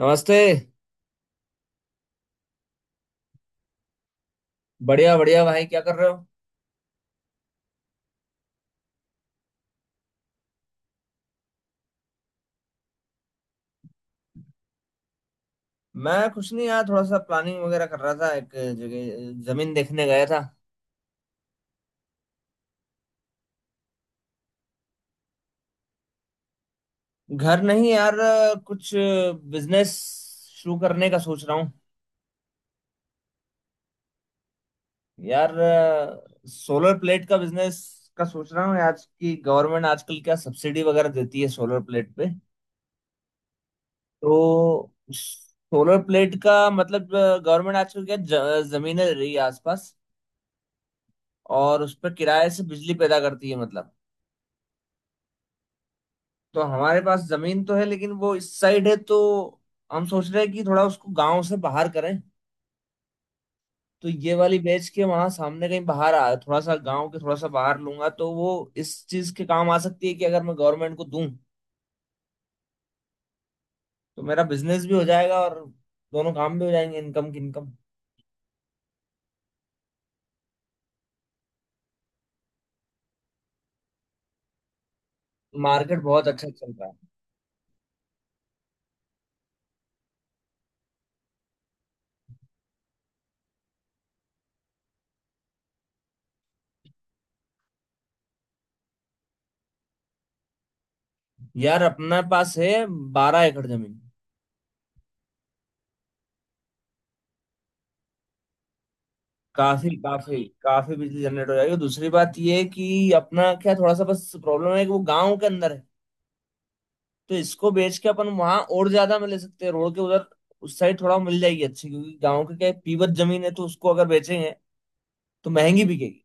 नमस्ते। बढ़िया बढ़िया भाई, क्या कर रहे हो? मैं कुछ नहीं यार, थोड़ा सा प्लानिंग वगैरह कर रहा था। एक जगह जमीन देखने गया था। घर नहीं यार, कुछ बिजनेस शुरू करने का सोच रहा हूँ। यार सोलर प्लेट का बिजनेस का सोच रहा हूँ। आज की गवर्नमेंट आजकल क्या सब्सिडी वगैरह देती है सोलर प्लेट पे। तो सोलर प्लेट का मतलब, गवर्नमेंट आजकल क्या जमीनें ले रही है आसपास, और उस पर किराए से बिजली पैदा करती है मतलब। तो हमारे पास जमीन तो है, लेकिन वो इस साइड है, तो हम सोच रहे हैं कि थोड़ा उसको गांव से बाहर करें। तो ये वाली बेच के वहां सामने कहीं बाहर आ थोड़ा सा गांव के थोड़ा सा बाहर लूंगा, तो वो इस चीज के काम आ सकती है कि अगर मैं गवर्नमेंट को दूं तो मेरा बिजनेस भी हो जाएगा, और दोनों काम भी हो जाएंगे, इनकम की इनकम। मार्केट बहुत अच्छा चल रहा है। यार अपने पास है 12 एकड़ जमीन। काफी काफी काफी बिजली जनरेट हो जाएगी। दूसरी बात ये है कि अपना क्या थोड़ा सा बस प्रॉब्लम है कि वो गांव के अंदर है, तो इसको बेच के अपन वहां और ज्यादा में ले सकते हैं रोड के उधर। उस साइड थोड़ा मिल जाएगी अच्छी, क्योंकि गांव के क्या है, पीवत जमीन है, तो उसको अगर बेचेंगे तो महंगी बिकेगी,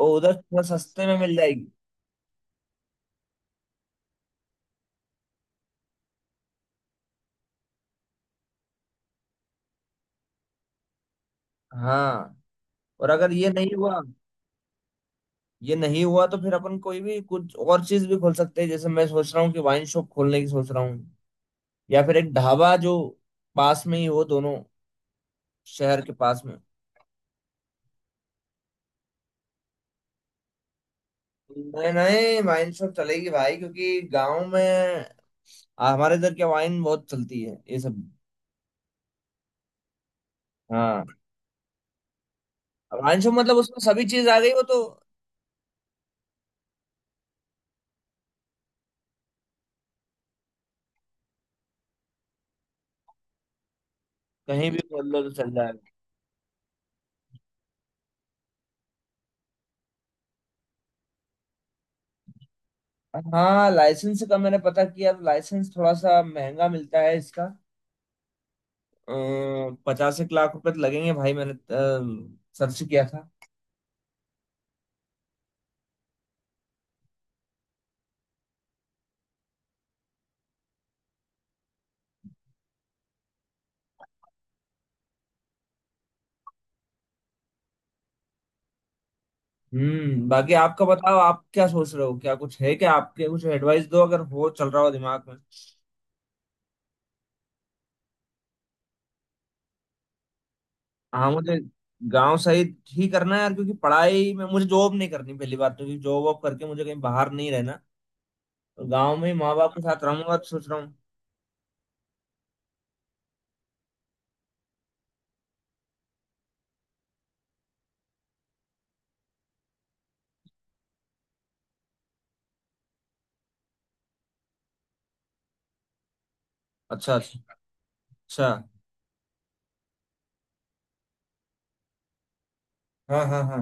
और उधर थोड़ा सस्ते में मिल जाएगी। हाँ, और अगर ये नहीं हुआ, ये नहीं हुआ तो फिर अपन कोई भी कुछ और चीज भी खोल सकते हैं। जैसे मैं सोच रहा हूँ कि वाइन शॉप खोलने की सोच रहा हूँ, या फिर एक ढाबा जो पास में ही हो, दोनों शहर के पास में। नहीं नहीं, वाइन शॉप चलेगी भाई, क्योंकि गांव में हमारे इधर क्या वाइन बहुत चलती है ये सब। हाँ, वांशो मतलब उसमें सभी चीज आ गई वो तो, कहीं भी खोल लो तो चल जाएगा। हाँ, लाइसेंस का मैंने पता किया तो लाइसेंस थोड़ा सा महंगा मिलता है इसका। 50 एक लाख रुपए तो लगेंगे भाई, मैंने सर्च किया था। हम्म, बाकी आपका बताओ, आप क्या सोच रहे हो, क्या कुछ है क्या, आपके कुछ एडवाइस दो अगर हो चल रहा हो दिमाग में। हाँ, मुझे गांव सही ही करना है यार, क्योंकि पढ़ाई में मुझे जॉब नहीं करनी पहली बात, तो क्योंकि जॉब वॉब करके मुझे कहीं बाहर नहीं रहना। तो गांव में ही माँ बाप के साथ रहूंगा, तो सोच रहा हूँ। अच्छा अच्छा अच्छा। हाँ हाँ हाँ।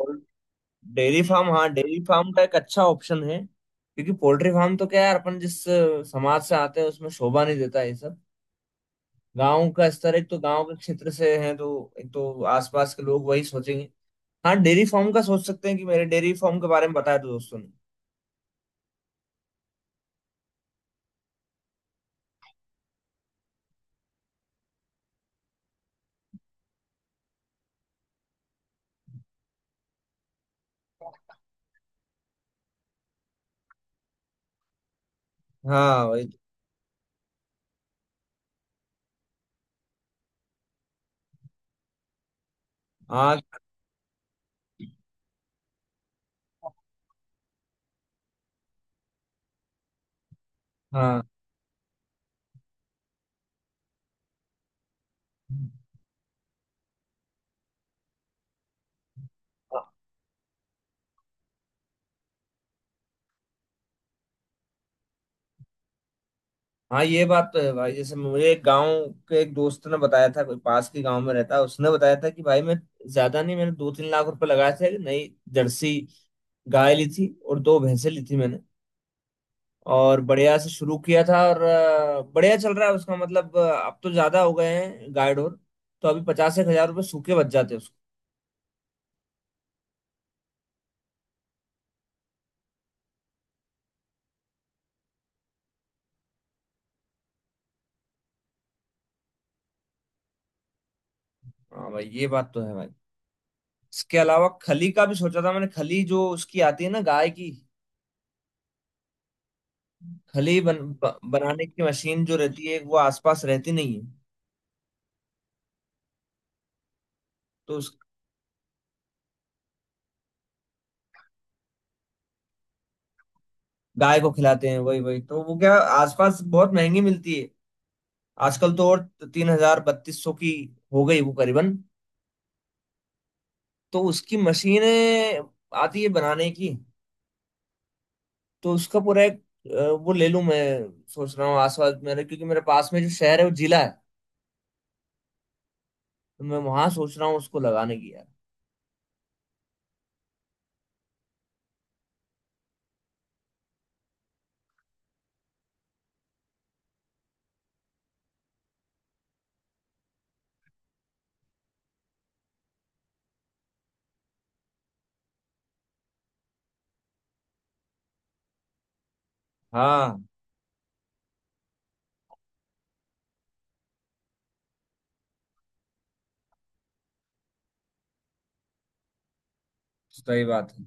और डेयरी फार्म, हाँ डेयरी फार्म का एक अच्छा ऑप्शन है, क्योंकि पोल्ट्री फार्म तो क्या यार, अपन जिस समाज से आते हैं उसमें शोभा नहीं देता ये सब। गांव का स्तर एक तो गांव के क्षेत्र से है, तो एक तो आसपास के लोग वही सोचेंगे। हाँ, डेयरी फार्म का सोच सकते हैं, कि मेरे डेयरी फार्म के बारे में बताया तो दोस्तों ने। हाँ वही तो। हाँ हाँ हाँ, ये बात तो है भाई। जैसे मुझे एक गांव के एक दोस्त ने बताया था, कोई पास के गांव में रहता है, उसने बताया था कि भाई मैं ज्यादा नहीं, मैंने 2 3 लाख रुपए लगाए थे। नई जर्सी गाय ली थी और दो भैंसें ली थी मैंने, और बढ़िया से शुरू किया था, और बढ़िया चल रहा है उसका मतलब अब तो ज्यादा हो गए हैं गाय डोर। तो अभी 50 एक हजार रुपये सूखे बच जाते हैं उसको। हाँ भाई, ये बात तो है भाई। इसके अलावा खली का भी सोचा था मैंने, खली जो उसकी आती है ना गाय की, खली बनाने की मशीन जो रहती है वो आसपास रहती नहीं है। तो उस गाय को खिलाते हैं वही वही, तो वो क्या आसपास बहुत महंगी मिलती है आजकल तो, और 3000 3200 की हो गई वो करीबन। तो उसकी मशीनें आती है बनाने की, तो उसका पूरा एक वो ले लूं मैं, सोच रहा हूँ आसपास मेरे, क्योंकि मेरे पास में जो शहर है वो जिला है। तो मैं वहां सोच रहा हूँ उसको लगाने की यार। हाँ तो सही बात है।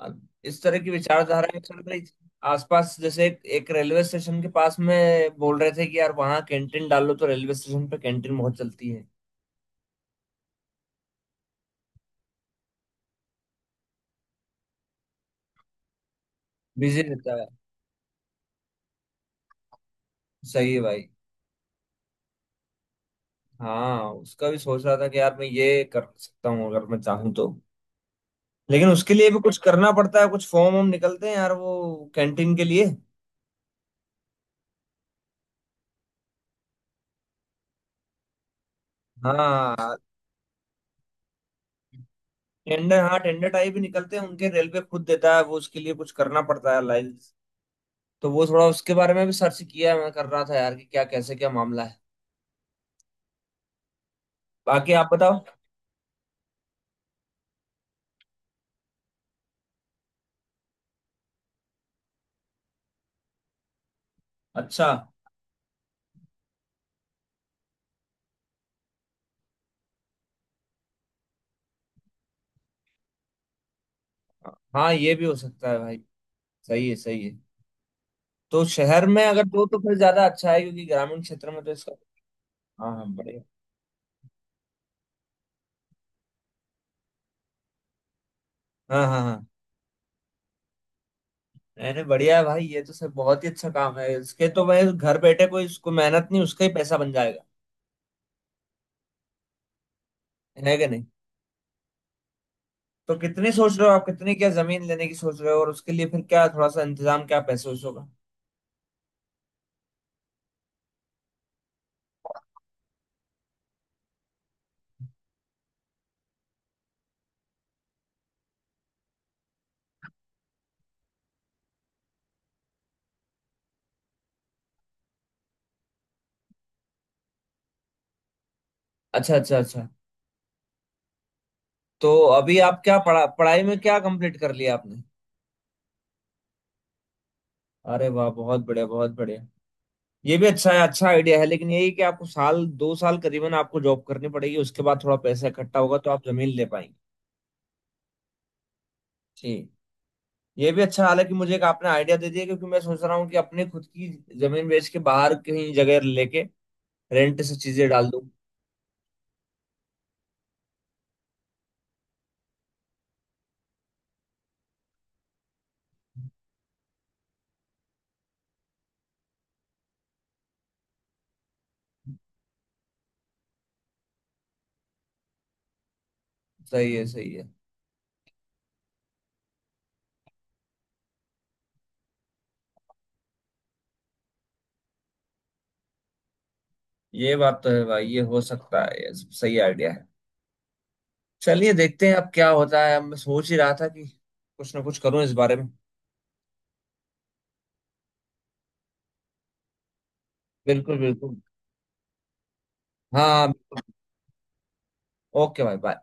अब इस तरह की विचारधाराएं चल रही थी आसपास। जैसे एक रेलवे स्टेशन के पास में बोल रहे थे कि यार वहाँ कैंटीन डाल लो तो रेलवे स्टेशन पे कैंटीन बहुत चलती है। बिजी रहता है, सही है भाई। हाँ, उसका भी सोच रहा था कि यार मैं ये कर सकता हूँ अगर मैं चाहूँ तो, लेकिन उसके लिए भी कुछ करना पड़ता है, कुछ फॉर्म वॉर्म निकलते हैं यार वो कैंटीन के लिए। हाँ, टेंडर, हाँ टेंडर टाइप ही निकलते हैं उनके, रेलवे खुद देता है वो, उसके लिए कुछ करना पड़ता है लाइन। तो वो थोड़ा उसके बारे में भी सर्च किया है मैं कर रहा था यार, कि क्या कैसे क्या मामला है। बाकी आप बताओ। अच्छा। हाँ ये भी हो सकता है भाई। सही है सही है। तो शहर में अगर दो तो फिर ज्यादा अच्छा है, क्योंकि ग्रामीण क्षेत्र में तो इसका, हाँ हाँ हाँ। हाँ हाँ। मैंने बढ़िया है भाई, ये तो सब बहुत ही अच्छा काम है इसके तो भाई, घर बैठे कोई इसको मेहनत नहीं, उसका ही पैसा बन जाएगा, है कि नहीं। तो कितनी सोच रहे हो आप, कितनी क्या जमीन लेने की सोच रहे हो, और उसके लिए फिर क्या थोड़ा सा इंतजाम क्या पैसे वैसों का? अच्छा अच्छा अच्छा। तो अभी आप क्या पढ़ाई में क्या कंप्लीट कर लिया आपने? अरे वाह, बहुत बढ़िया बहुत बढ़िया। ये भी अच्छा है, अच्छा आइडिया है। लेकिन यही कि आपको 1 2 साल करीबन आपको जॉब करनी पड़ेगी, उसके बाद थोड़ा पैसा इकट्ठा होगा तो आप जमीन ले पाएंगे। जी। ये भी अच्छा, हालांकि मुझे एक आपने आइडिया दे दिया, क्योंकि मैं सोच रहा हूँ कि अपने खुद की जमीन बेच के बाहर कहीं जगह लेके रेंट से चीजें डाल दूँ। सही है सही है। ये बात तो है भाई, ये हो सकता है, ये सही आइडिया है। चलिए देखते हैं अब क्या होता है, मैं सोच ही रहा था कि कुछ ना कुछ करूँ इस बारे में। बिल्कुल बिल्कुल। हाँ बिल्कुल। ओके भाई, बाय।